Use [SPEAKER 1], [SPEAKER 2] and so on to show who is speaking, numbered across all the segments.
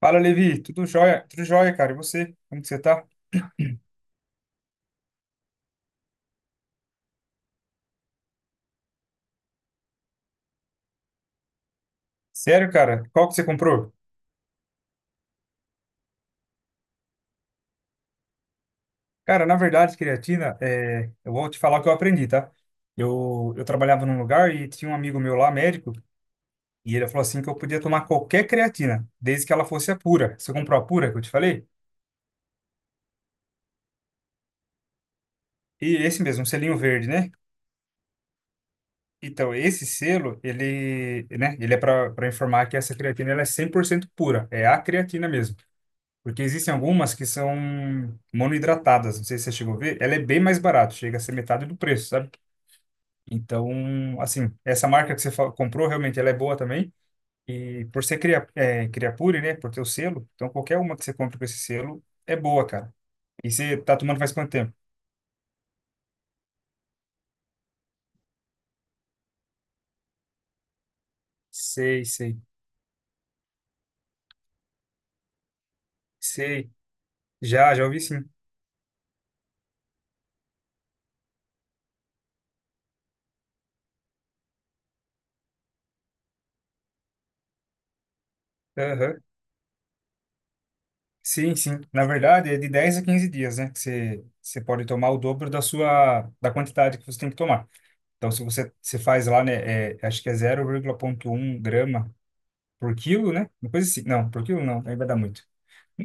[SPEAKER 1] Fala, Levi. Tudo jóia? Tudo jóia, cara. E você? Como que você tá? Sério, cara? Qual que você comprou? Cara, na verdade, creatina, eu vou te falar o que eu aprendi, tá? Eu trabalhava num lugar e tinha um amigo meu lá, médico, e ele falou assim que eu podia tomar qualquer creatina, desde que ela fosse a pura. Você comprou a pura que eu te falei? E esse mesmo, um selinho verde, né? Então, esse selo, ele, né, ele é para informar que essa creatina ela é 100% pura. É a creatina mesmo. Porque existem algumas que são monoidratadas, não sei se você chegou a ver, ela é bem mais barata, chega a ser metade do preço, sabe? Então, assim, essa marca que você comprou, realmente, ela é boa também. E por ser Creapure, né, por ter o selo, então qualquer uma que você compra com esse selo é boa, cara. E você tá tomando faz quanto tempo? Sei, sei, sei. Já, já ouvi sim. Aham. Sim, sim. Na verdade, é de 10 a 15 dias, né, que você pode tomar o dobro da da quantidade que você tem que tomar. Então, se você faz lá, né, acho que é 0,1 grama por quilo, né? Uma coisa assim. Não, por quilo não, aí vai dar muito.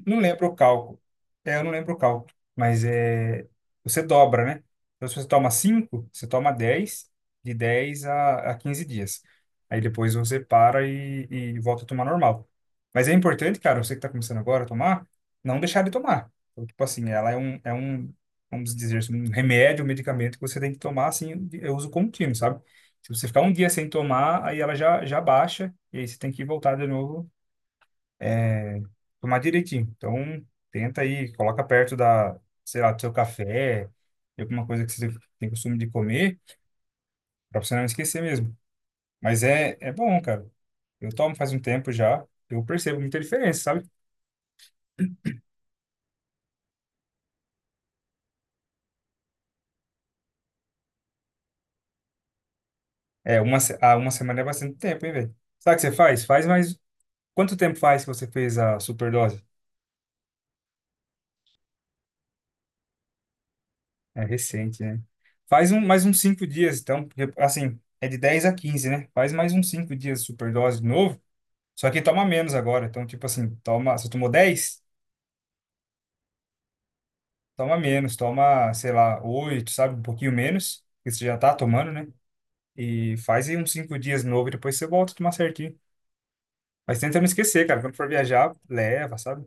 [SPEAKER 1] Não lembro o cálculo. É, eu não lembro o cálculo. Mas é, você dobra, né? Então, se você toma 5 você toma 10 de 10 a 15 dias. Aí depois você para e volta a tomar normal. Mas é importante, cara, você que está começando agora a tomar, não deixar de tomar. Então, tipo assim, ela é um, vamos dizer, assim, um remédio, um medicamento que você tem que tomar, assim, de eu uso contínuo, sabe? Se você ficar um dia sem tomar, aí ela já baixa, e aí você tem que voltar de novo é, tomar direitinho. Então, tenta aí, coloca perto da, sei lá, do seu café, de alguma coisa que você tem costume de comer, pra você não esquecer mesmo. Mas é bom, cara. Eu tomo faz um tempo já, eu percebo muita diferença, sabe? É, uma, se- ah, uma semana é bastante tempo, hein, velho? Sabe o que você faz? Quanto tempo faz que você fez a superdose? É recente, né? Faz mais uns 5 dias, então, porque, assim, é de 10 a 15, né? Faz mais uns 5 dias de superdose de novo. Só que toma menos agora. Então, tipo assim, toma, se tomou 10 toma menos, toma, sei lá, 8 sabe? Um pouquinho menos, que você já tá tomando, né? E faz aí uns 5 dias de novo e depois você volta a tomar certinho. Mas tenta não esquecer, cara. Quando for viajar, leva, sabe?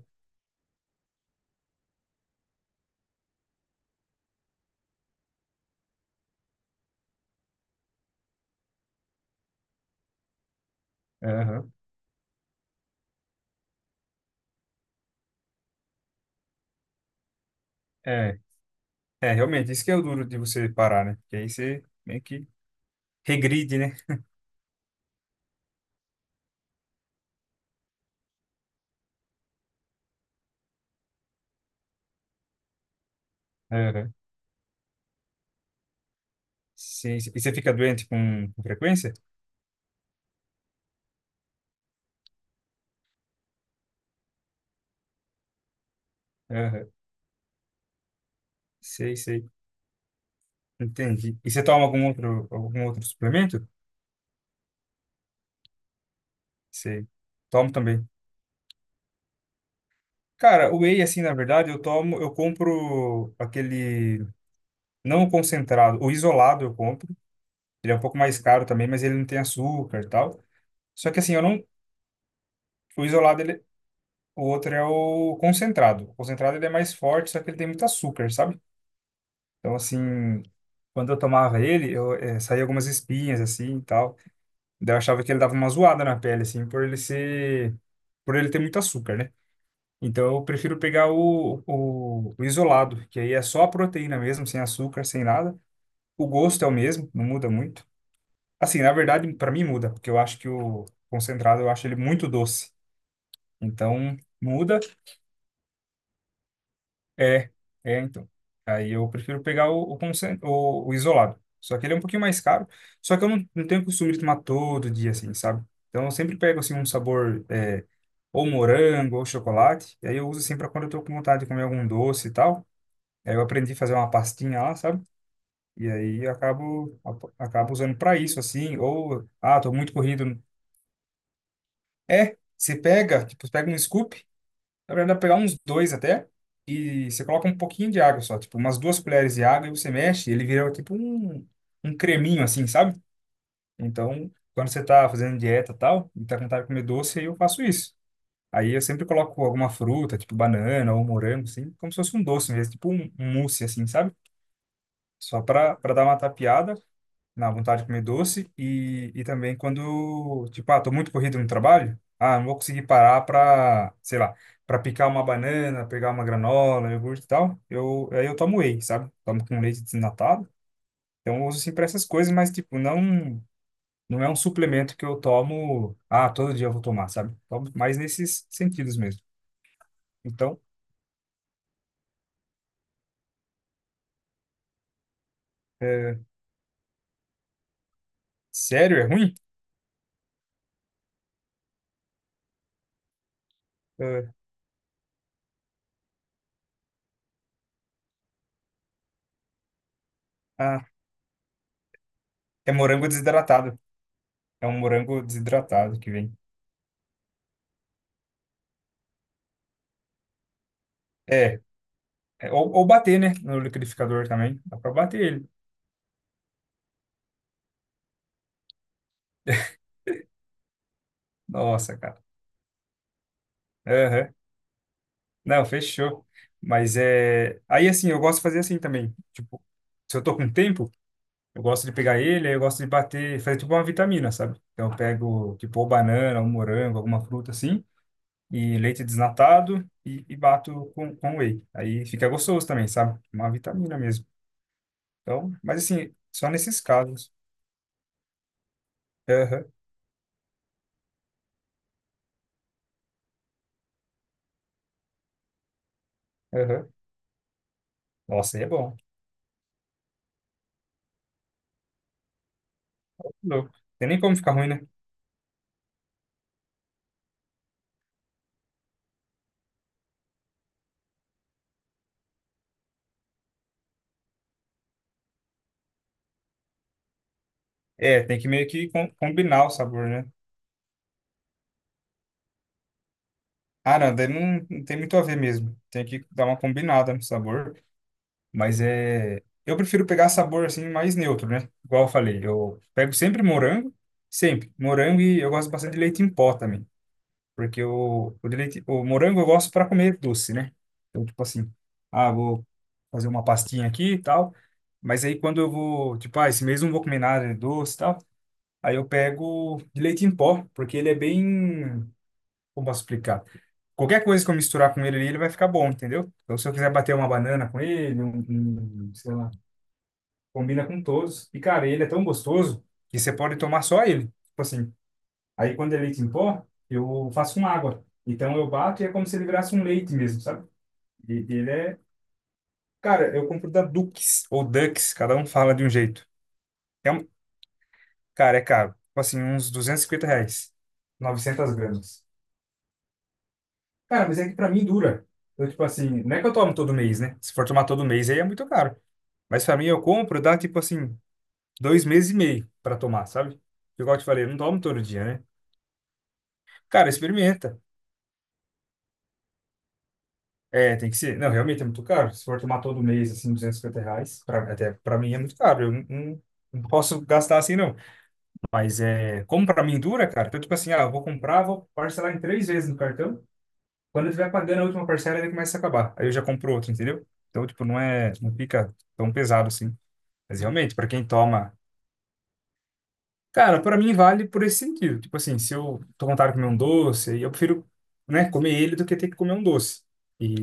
[SPEAKER 1] Aham. É, é, realmente, isso que é o duro de você parar, né? Porque aí você meio que regride, né? Aham. Sim, sim. E você fica doente com frequência? Aham. Sei, sei. Entendi. E você toma algum outro suplemento? Sei. Tomo também. Cara, o whey, assim, na verdade, eu compro aquele não o concentrado, o isolado eu compro. Ele é um pouco mais caro também, mas ele não tem açúcar e tal. Só que assim, eu não, o isolado, ele, o outro é o concentrado. O concentrado ele é mais forte, só que ele tem muito açúcar, sabe? Então assim, quando eu tomava ele, saía algumas espinhas assim e tal. Daí eu achava que ele dava uma zoada na pele, assim, por ele ter muito açúcar, né? Então eu prefiro pegar o isolado, que aí é só a proteína mesmo, sem açúcar, sem nada. O gosto é o mesmo, não muda muito. Assim, na verdade, para mim muda, porque eu acho que o concentrado eu acho ele muito doce. Então, muda? É, é então. Aí eu prefiro pegar o isolado. Só que ele é um pouquinho mais caro, só que eu não tenho costume de tomar todo dia, assim, sabe? Então eu sempre pego, assim, um sabor, ou morango, ou chocolate, e aí eu uso, assim, para quando eu tô com vontade de comer algum doce e tal. Aí eu aprendi a fazer uma pastinha lá, sabe? E aí eu acabo usando para isso, assim. Ou, ah, tô muito corrido. É, você pega, tipo, você pega um scoop, na verdade, dá pra pegar uns dois até, e você coloca um pouquinho de água só, tipo, umas duas colheres de água, e você mexe, ele vira tipo um creminho, assim, sabe? Então, quando você tá fazendo dieta e tal, e tá com vontade de comer doce, aí eu faço isso. Aí eu sempre coloco alguma fruta, tipo banana ou morango, assim, como se fosse um doce mesmo, tipo um mousse, assim, sabe? Só para dar uma tapeada na vontade de comer doce e também quando, tipo, ah, tô muito corrido no trabalho, ah, não vou conseguir parar pra, sei lá, pra picar uma banana, pegar uma granola, iogurte e tal, aí eu tomo whey, sabe? Tomo com leite desnatado. Então eu uso assim pra essas coisas, mas, tipo, não é um suplemento que eu tomo, ah, todo dia eu vou tomar, sabe? Tomo mais nesses sentidos mesmo. Então, é, sério, é ruim? É, ah, é morango desidratado. É um morango desidratado que vem. É, é, ou bater, né? No liquidificador também. Dá pra bater ele. Nossa, cara. Aham. Não, fechou. Mas é. Aí assim, eu gosto de fazer assim também. Tipo, se eu tô com tempo, eu gosto de pegar ele, aí eu gosto de bater, fazer tipo uma vitamina, sabe? Então eu pego, tipo, ou banana, ou morango, alguma fruta assim, e leite desnatado e bato com whey. Aí fica gostoso também, sabe? Uma vitamina mesmo. Então, mas assim, só nesses casos. Aham, aham. Nossa, aí é bom. Louco. Tem nem como ficar ruim, né? É, tem que meio que combinar o sabor, né? Ah, não, daí não tem muito a ver mesmo. Tem que dar uma combinada no sabor. Mas é. Eu prefiro pegar sabor assim mais neutro, né? Igual eu falei, eu pego sempre. Morango e eu gosto bastante de leite em pó também. Porque de leite, o morango eu gosto para comer doce, né? Então, tipo assim, ah, vou fazer uma pastinha aqui e tal. Mas aí quando eu vou, tipo, ah, esse mês eu não vou comer nada de doce e tal. Aí eu pego de leite em pó, porque ele é bem. Como posso explicar? Qualquer coisa que eu misturar com ele ali, ele vai ficar bom, entendeu? Então, se eu quiser bater uma banana com ele, sei lá, combina com todos. E, cara, ele é tão gostoso que você pode tomar só ele. Tipo assim, aí quando é leite em pó, eu faço com água. Então, eu bato e é como se ele virasse um leite mesmo, sabe? E ele é... Cara, eu compro da Dux ou Dux, cada um fala de um jeito. É um... Cara, é caro. Tipo assim, uns R$ 250, 900 gramas. Cara, mas é que pra mim dura. Eu, tipo assim, não é que eu tomo todo mês, né? Se for tomar todo mês, aí é muito caro. Mas pra mim, eu compro, dá tipo assim, 2 meses e meio pra tomar, sabe? Igual eu te falei, eu não tomo todo dia, né? Cara, experimenta. É, tem que ser. Não, realmente é muito caro. Se for tomar todo mês, assim, R$ 250, pra, até pra mim é muito caro. Eu não, não posso gastar assim, não. Mas é, como pra mim dura, cara, então, tipo assim, ah, eu vou comprar, vou parcelar em três vezes no cartão. Quando ele vai pagando a última parcela, ele começa a acabar. Aí eu já compro outro, entendeu? Então, tipo, não fica tão pesado assim. Mas realmente, para quem toma. Cara, para mim vale por esse sentido. Tipo assim, se eu tô vontade de comer um doce, aí eu prefiro, né, comer ele do que ter que comer um doce. E,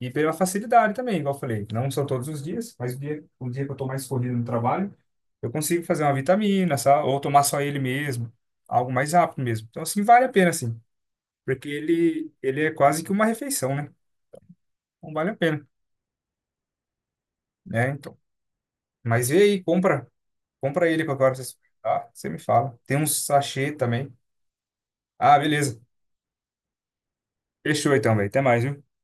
[SPEAKER 1] e pela facilidade também, igual eu falei. Não são todos os dias, mas o dia que eu tô mais corrido no trabalho, eu consigo fazer uma vitamina, sabe? Ou tomar só ele mesmo. Algo mais rápido mesmo. Então, assim, vale a pena, assim. Porque ele é quase que uma refeição, né? Então, vale a pena. É, então. Mas vê aí, compra. Compra ele pra para você experimentar. Você me fala. Tem uns sachê também. Ah, beleza. Fechou então, velho. Até mais, viu?